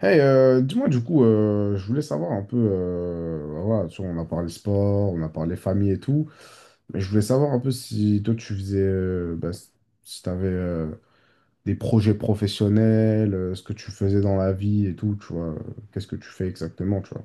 Dis-moi du coup, je voulais savoir un peu, bah voilà, tu vois, on a parlé sport, on a parlé famille et tout, mais je voulais savoir un peu si toi tu faisais, bah, si tu avais des projets professionnels, ce que tu faisais dans la vie et tout, tu vois, qu'est-ce que tu fais exactement, tu vois.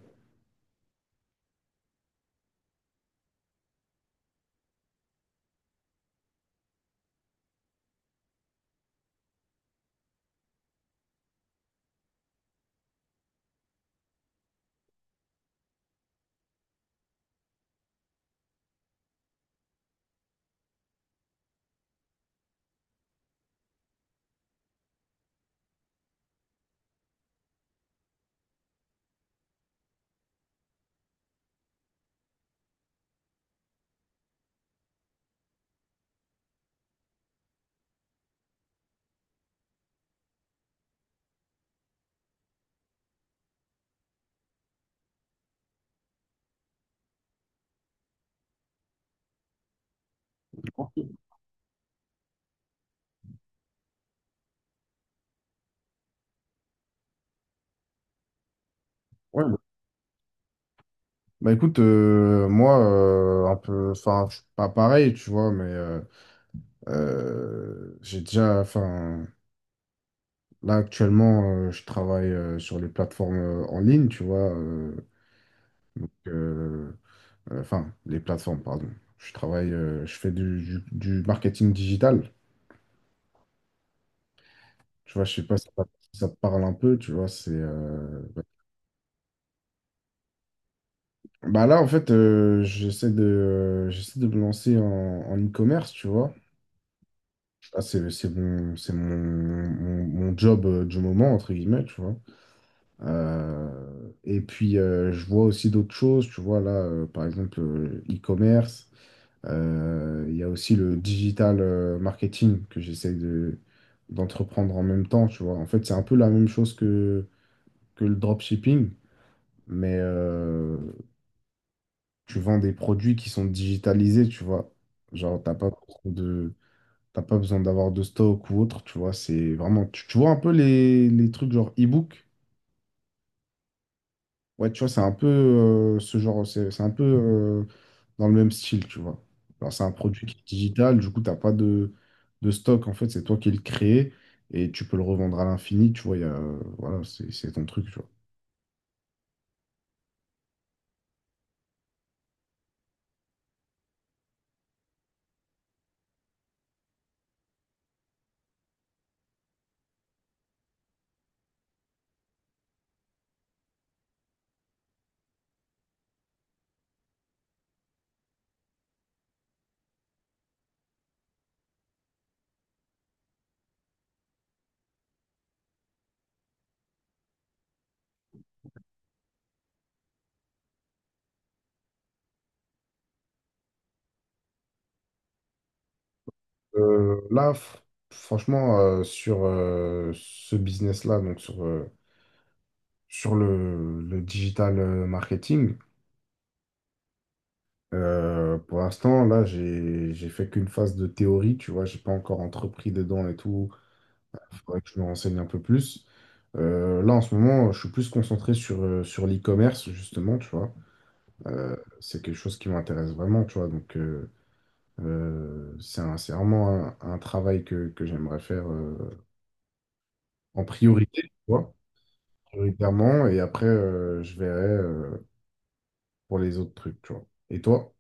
Ouais, bah, écoute, moi, un peu, enfin, je suis pas pareil, tu vois, mais j'ai déjà, enfin, là actuellement, je travaille sur les plateformes en ligne, tu vois. Donc, enfin, les plateformes, pardon. Je travaille, je fais du, du marketing digital. Tu vois, je sais pas si ça, si ça te parle un peu, tu vois, c'est ouais. Bah là, en fait, j'essaie de me lancer en, en e-commerce, tu vois. Ah, c'est mon job du moment, entre guillemets, tu vois. Et puis, je vois aussi d'autres choses, tu vois, là, par exemple, e-commerce. Il y a aussi le digital marketing que j'essaie de, d'entreprendre en même temps, tu vois. En fait, c'est un peu la même chose que le dropshipping, mais tu vends des produits qui sont digitalisés, tu vois. Genre, t'as pas besoin d'avoir de stock ou autre, tu vois. C'est vraiment, tu vois un peu les trucs genre e-book. Ouais, tu vois, c'est un peu ce genre, c'est un peu dans le même style, tu vois. Alors, c'est un produit qui est digital, du coup, t'as pas de, de stock, en fait, c'est toi qui le crée et tu peux le revendre à l'infini, tu vois, voilà, c'est ton truc, tu vois. Là, franchement, sur ce business-là, donc sur le digital marketing, pour l'instant, là, j'ai fait qu'une phase de théorie, tu vois, j'ai pas encore entrepris dedans et tout faudrait que je me renseigne un peu plus. Là, en ce moment, je suis plus concentré sur, sur l'e-commerce, justement, tu vois. C'est quelque chose qui m'intéresse vraiment, tu vois. Donc, c'est vraiment un travail que j'aimerais faire en priorité, tu vois, prioritairement. Et après, je verrai, pour les autres trucs, tu vois. Et toi?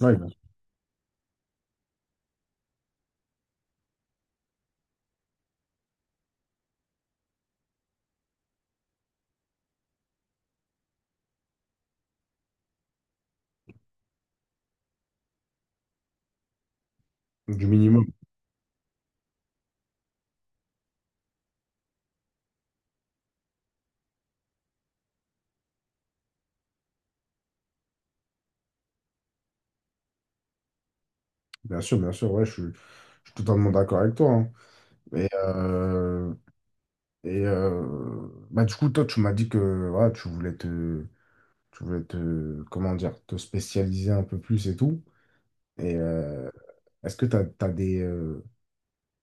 Ouais, bien sûr. Du minimum. Bien sûr, ouais, je suis totalement d'accord avec toi, hein. Et, bah, du coup, toi, tu m'as dit que voilà, tu voulais te, comment dire, te spécialiser un peu plus et tout. Et est-ce que tu as, des,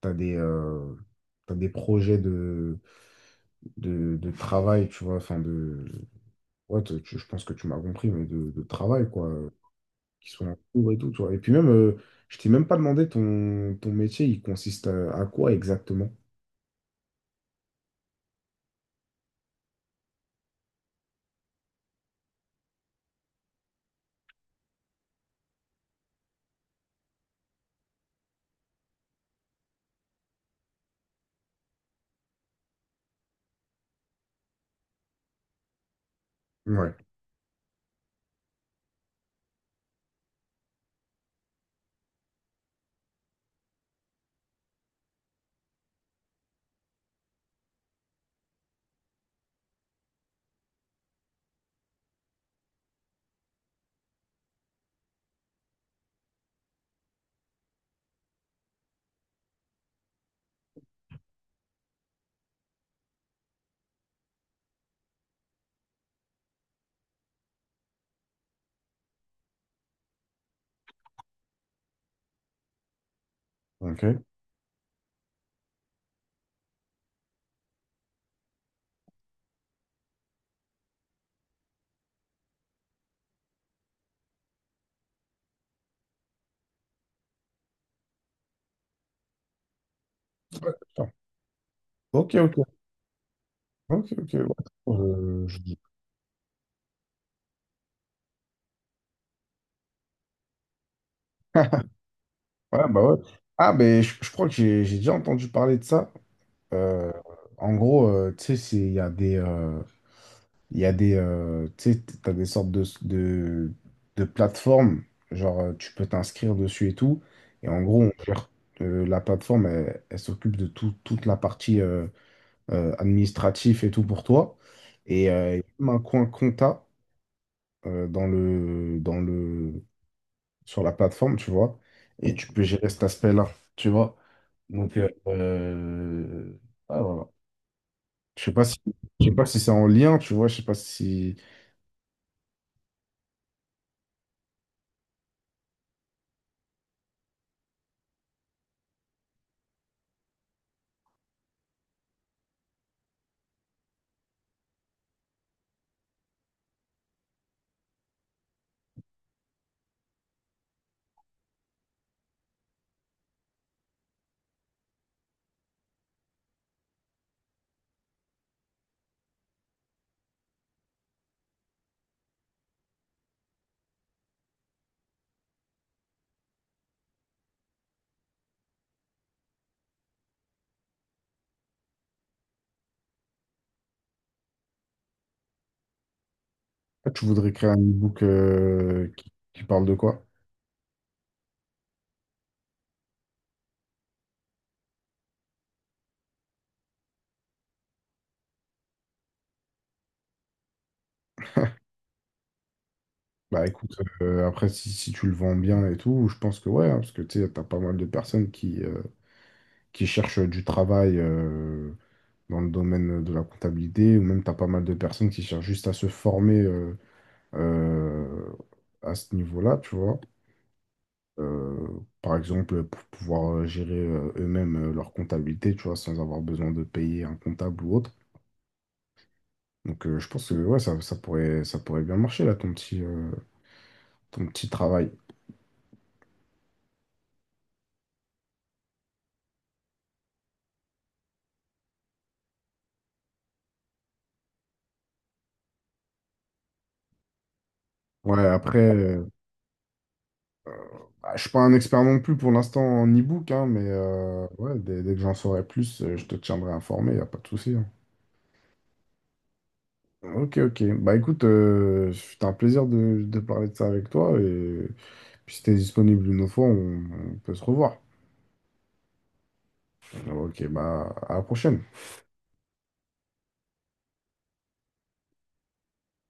t'as des, t'as des projets de, de travail, tu vois, enfin de... Ouais, je pense que tu m'as compris, mais de travail, quoi, qui sont en cours et tout, tu vois. Et puis même, je t'ai même pas demandé ton, ton métier, il consiste à quoi exactement? Ouais, ok. Ouais, d'accord. Ok, ok, ok, ok, ouais. Euh, je dis- ouais, bah ouais. Ah, ben, je crois que j'ai déjà entendu parler de ça. Euh, en gros, tu sais, c'est- il y a des... Il y a des, tu sais, t'as des sortes de plateformes, genre tu peux t'inscrire dessus et tout. Et en gros, la plateforme, elle, elle s'occupe de toute la partie administrative et tout pour toi. Et il y a même un coin compta euh, dans le, dans le, sur la plateforme, tu vois. Et tu peux gérer cet aspect-là, tu vois. Donc, voilà. Je sais pas si, je sais pas si c'est en lien, tu vois. Je sais pas si. Ah, tu voudrais créer un e-book qui parle de quoi? Bah écoute, après si, si tu le vends bien et tout, je pense que ouais, hein, parce que tu sais, t'as pas mal de personnes qui cherchent du travail dans le domaine de la comptabilité, ou même t'as pas mal de personnes qui cherchent juste à se former euh, à ce niveau-là, tu vois. Euh, Par exemple, pour pouvoir gérer eux-mêmes leur comptabilité, tu vois, sans avoir besoin de payer un comptable ou autre. Donc je pense que ouais, ça, ça pourrait bien marcher là, ton petit travail. Ouais, après, bah, je suis pas un expert non plus pour l'instant en e-book, hein, mais ouais, dès, dès que j'en saurai plus, je te tiendrai informé, y a pas de souci, hein. Ok, ok. Bah écoute, c'était un plaisir de parler de ça avec toi, et puis si t'es disponible une autre fois, on peut se revoir. Ok, bah à la prochaine.